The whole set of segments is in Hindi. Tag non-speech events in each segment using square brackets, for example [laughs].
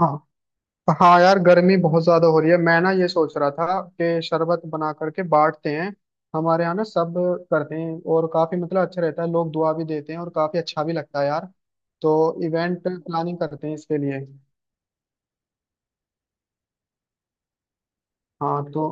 हाँ। तो हाँ यार, गर्मी बहुत ज्यादा हो रही है। मैं ना ये सोच रहा था कि शरबत बना करके बांटते हैं। हमारे यहाँ ना सब करते हैं, और काफी मतलब अच्छा रहता है। लोग दुआ भी देते हैं और काफी अच्छा भी लगता है यार। तो इवेंट प्लानिंग करते हैं इसके लिए। हाँ तो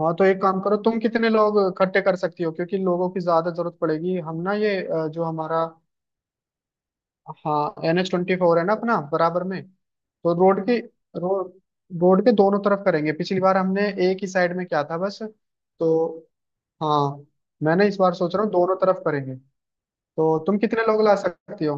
हाँ, तो एक काम करो, तुम कितने लोग इकट्ठे कर सकती हो? क्योंकि लोगों की ज्यादा जरूरत पड़ेगी। हम ना ये जो हमारा। हाँ, NH 24 है ना अपना बराबर में, तो रोड के। रोड रोड के दोनों तरफ करेंगे। पिछली बार हमने एक ही साइड में किया था बस। तो हाँ, मैंने इस बार सोच रहा हूँ दोनों तरफ करेंगे। तो तुम कितने लोग ला सकती हो?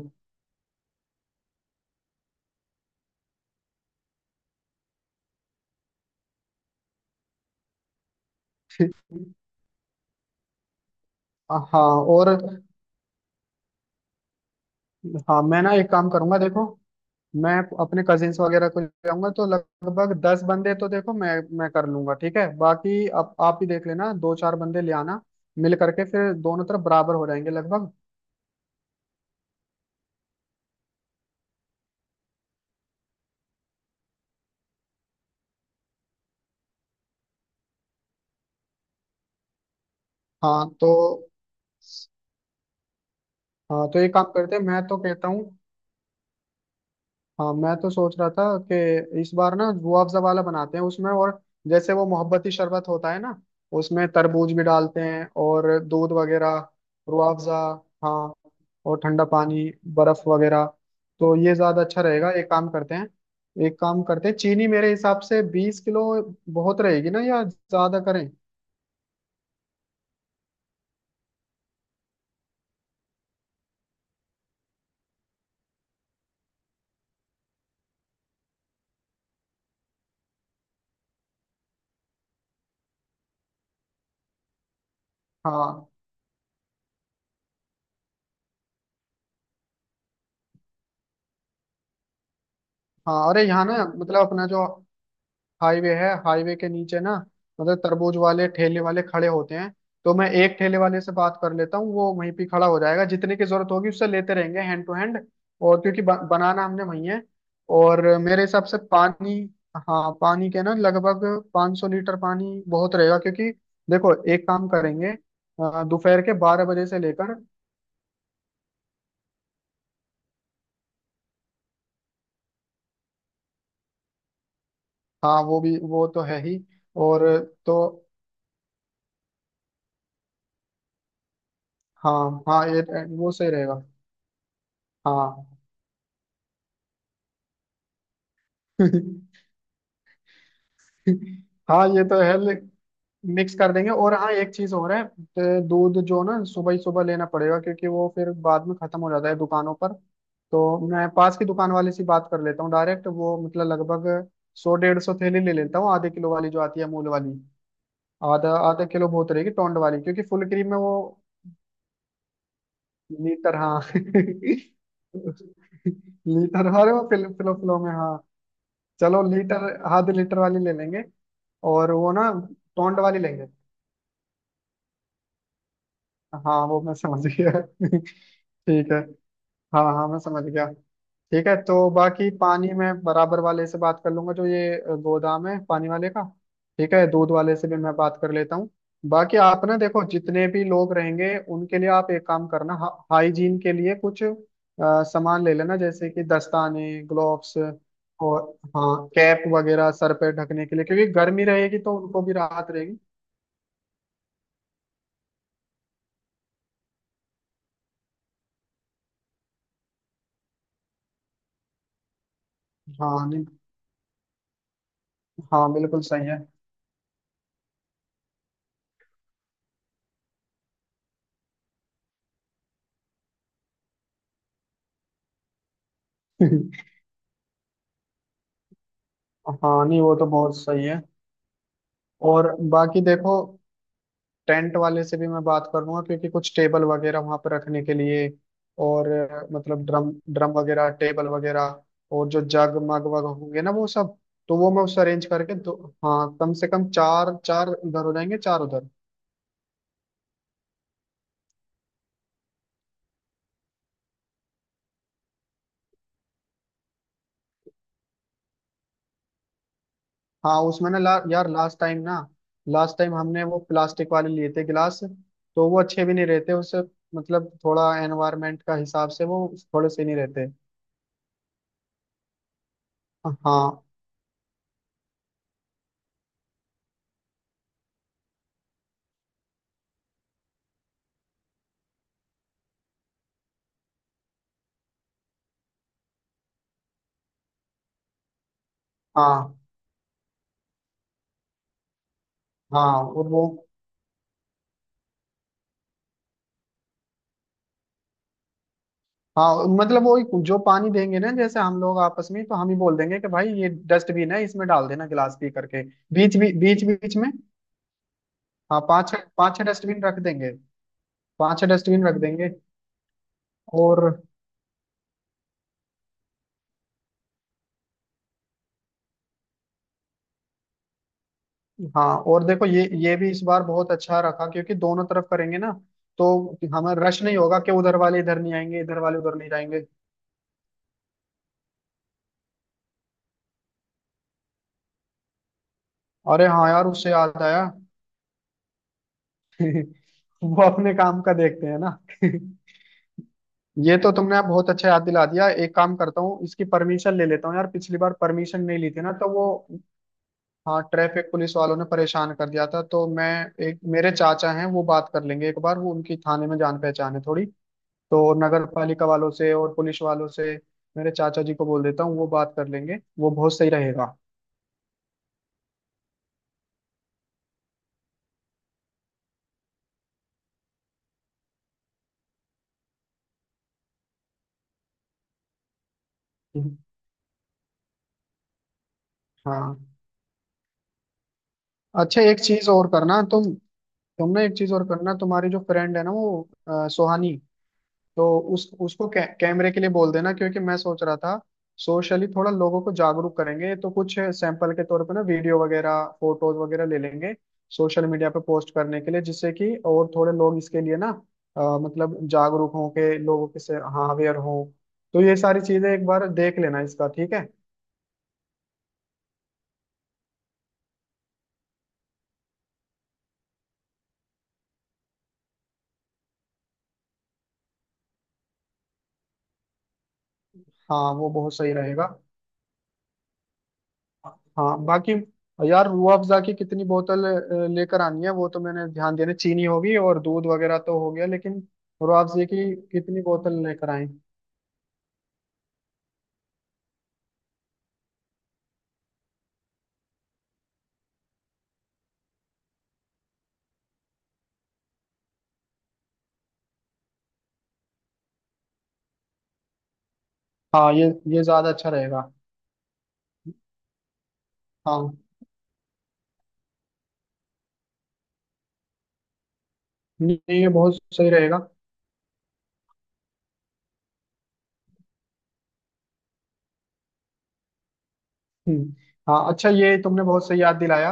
[laughs] हाँ, और हाँ मैं ना एक काम करूंगा देखो। मैं अपने कजिन्स वगैरह को ले आऊंगा, तो लगभग 10 बंदे तो देखो मैं, कर लूंगा। ठीक है, बाकी आप ही देख लेना, दो चार बंदे ले आना। मिल करके फिर दोनों तरफ बराबर हो जाएंगे लगभग। हाँ। तो ये काम करते हैं, मैं तो कहता हूँ। हाँ, मैं तो सोच रहा था कि इस बार ना जुआ अफ़ज़ा वाला बनाते हैं उसमें। और जैसे वो मोहब्बती शरबत होता है ना, उसमें तरबूज भी डालते हैं और दूध वगैरह। रुआ अफ़ज़ा। हाँ। और ठंडा पानी बर्फ वगैरह। तो ये ज्यादा अच्छा रहेगा, एक काम करते हैं। एक काम करते हैं, चीनी मेरे हिसाब से 20 किलो बहुत रहेगी ना, या ज्यादा करें? हाँ। हाँ, अरे यहाँ ना मतलब अपना जो हाईवे है, हाईवे के नीचे ना मतलब तरबूज वाले ठेले वाले खड़े होते हैं। तो मैं एक ठेले वाले से बात कर लेता हूँ, वो वहीं पे खड़ा हो जाएगा, जितने की जरूरत होगी उससे लेते रहेंगे हैंड टू हैंड। और क्योंकि बनाना हमने वहीं है। और मेरे हिसाब से पानी, हाँ पानी के ना लगभग 500 लीटर पानी बहुत रहेगा। क्योंकि देखो एक काम करेंगे, दोपहर के 12 बजे से लेकर। हाँ, वो भी वो तो है ही। और तो हाँ हाँ, ये वो सही रहेगा। हाँ। [laughs] हाँ ये तो है मिक्स कर देंगे। और हाँ, एक चीज और है, तो दूध जो ना सुबह ही सुबह लेना पड़ेगा, क्योंकि वो फिर बाद में खत्म हो जाता है दुकानों पर। तो मैं पास की दुकान वाले से बात कर लेता हूँ डायरेक्ट, वो मतलब लगभग सौ डेढ़ सौ थैली ले लेता हूँ आधे किलो वाली, जो आती है अमूल वाली। आधा आधा किलो बहुत रहेगी, टोंड वाली, क्योंकि फुल क्रीम में वो। लीटर, हाँ [laughs] लीटर वाले वो फिलो फिलो में हाँ। चलो लीटर, आधे लीटर वाली ले लेंगे। और वो ना टोंड वाली लेंगे। हाँ वो मैं समझ गया। [laughs] ठीक है। हाँ हाँ, मैं समझ गया। ठीक है, तो बाकी पानी में बराबर वाले से बात कर लूंगा, जो ये गोदाम है पानी वाले का। ठीक है, दूध वाले से भी मैं बात कर लेता हूँ। बाकी आप ना देखो जितने भी लोग रहेंगे उनके लिए आप एक काम करना, हाइजीन के लिए कुछ सामान ले लेना, जैसे कि दस्ताने ग्लोव्स। और हाँ, कैप वगैरह सर पे ढकने के लिए, क्योंकि गर्मी रहेगी तो उनको भी राहत रहेगी। हाँ नहीं, हाँ बिल्कुल सही है। [laughs] हाँ नहीं, वो तो बहुत सही है। और बाकी देखो, टेंट वाले से भी मैं बात कर लूंगा, क्योंकि कुछ टेबल वगैरह वहां पर रखने के लिए। और मतलब ड्रम ड्रम वगैरह टेबल वगैरह, और जो जग मग वग होंगे ना वो सब। तो वो मैं उससे अरेंज करके दो। हाँ, कम से कम चार चार इधर हो जाएंगे, चार उधर। हाँ, उसमें ना यार लास्ट टाइम ना, लास्ट टाइम हमने वो प्लास्टिक वाले लिए थे गिलास, तो वो अच्छे भी नहीं रहते उससे। मतलब थोड़ा एनवायरमेंट का हिसाब से वो थोड़े से नहीं रहते। हाँ हाँ हाँ, और वो हाँ, मतलब वो जो पानी देंगे ना, जैसे हम लोग आपस में तो हम ही बोल देंगे कि भाई ये डस्टबिन है, इसमें डाल देना गिलास पी करके। बीच बीच बीच बीच में। हाँ, पांच छह डस्टबिन रख देंगे, पांच छह डस्टबिन रख देंगे। और हाँ, और देखो, ये भी इस बार बहुत अच्छा रखा क्योंकि दोनों तरफ करेंगे ना। तो हमें रश नहीं होगा कि उधर वाले इधर नहीं आएंगे, इधर वाले उधर नहीं जाएंगे। अरे हाँ यार, उससे याद आया। [laughs] वो अपने काम का देखते हैं ना। [laughs] ये तो तुमने आप बहुत अच्छा याद दिला दिया। एक काम करता हूँ, इसकी परमिशन ले लेता हूँ यार। पिछली बार परमिशन नहीं ली थी ना तो वो। हाँ, ट्रैफिक पुलिस वालों ने परेशान कर दिया था तो मैं, एक मेरे चाचा हैं वो बात कर लेंगे एक बार, वो उनकी थाने में जान पहचान है थोड़ी। तो नगर पालिका वालों से और पुलिस वालों से मेरे चाचा जी को बोल देता हूँ, वो बात कर लेंगे, वो बहुत सही रहेगा। हम्म। हाँ अच्छा, एक चीज और करना तुम। तुमने एक चीज और करना, तुम्हारी जो फ्रेंड है ना वो सोहानी, तो उस उसको कैमरे के लिए बोल देना। क्योंकि मैं सोच रहा था सोशली थोड़ा लोगों को जागरूक करेंगे, तो कुछ सैंपल के तौर पे ना वीडियो वगैरह फोटोज वगैरह ले लेंगे, सोशल मीडिया पे पोस्ट करने के लिए, जिससे कि और थोड़े लोग इसके लिए ना मतलब जागरूक हों के लोगों के से, हाँ अवेयर हों। तो ये सारी चीजें एक बार देख लेना इसका, ठीक है? हाँ वो बहुत सही रहेगा। हाँ बाकी, यार रूह अफ़ज़ा की कितनी बोतल लेकर आनी है, वो तो मैंने ध्यान देना। चीनी होगी और दूध वगैरह तो हो गया, लेकिन रूह अफ़ज़ा की कितनी बोतल लेकर आए? हाँ ये ज्यादा अच्छा रहेगा। हाँ नहीं, ये बहुत सही रहेगा। हम्म। हाँ अच्छा, ये तुमने बहुत सही याद दिलाया।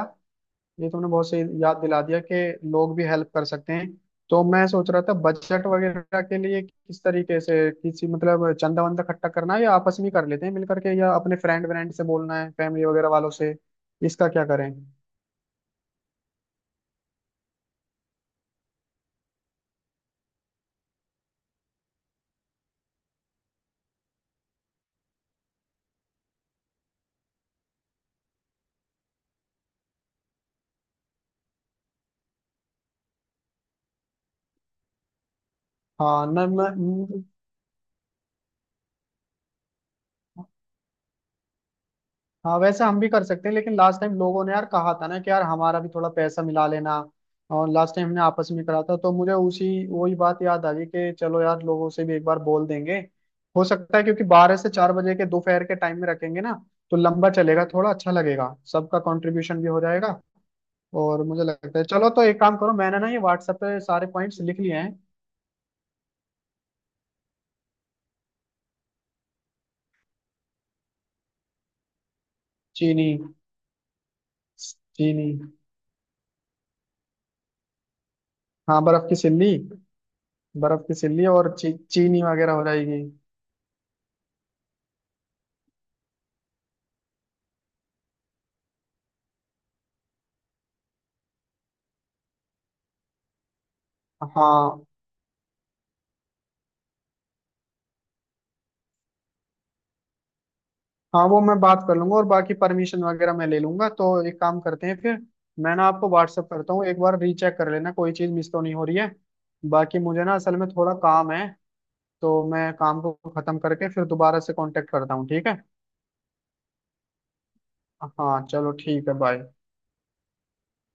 ये तुमने बहुत सही याद दिला दिया कि लोग भी हेल्प कर सकते हैं। तो मैं सोच रहा था बजट वगैरह के लिए किस तरीके से, किसी मतलब चंदा वंदा इकट्ठा करना है, या आपस में ही कर लेते हैं मिल करके, या अपने फ्रेंड व्रेंड से बोलना है फैमिली वगैरह वालों से, इसका क्या करें? हाँ न मैं। हाँ वैसे हम भी कर सकते हैं, लेकिन लास्ट टाइम लोगों ने यार कहा था ना कि यार, हमारा भी थोड़ा पैसा मिला लेना। और लास्ट टाइम हमने आपस में करा था, तो मुझे उसी वही बात याद आ गई कि चलो यार, लोगों से भी एक बार बोल देंगे। हो सकता है, क्योंकि 12 से 4 बजे के दोपहर के टाइम में रखेंगे ना, तो लंबा चलेगा, थोड़ा अच्छा लगेगा, सबका कंट्रीब्यूशन भी हो जाएगा। और मुझे लगता है चलो, तो एक काम करो, मैंने ना ये व्हाट्सएप पे सारे पॉइंट्स लिख लिए हैं। चीनी। चीनी, हाँ बर्फ की सिल्ली। बर्फ की सिल्ली और चीनी वगैरह हो जाएगी। हाँ हाँ, वो मैं बात कर लूंगा, और बाकी परमिशन वगैरह मैं ले लूंगा। तो एक काम करते हैं फिर, मैं ना आपको व्हाट्सअप करता हूँ, एक बार रीचेक कर लेना कोई चीज़ मिस तो नहीं हो रही है। बाकी मुझे ना असल में थोड़ा काम है, तो मैं काम को खत्म करके फिर दोबारा से कांटेक्ट करता हूँ, ठीक है? हाँ चलो ठीक है, बाय।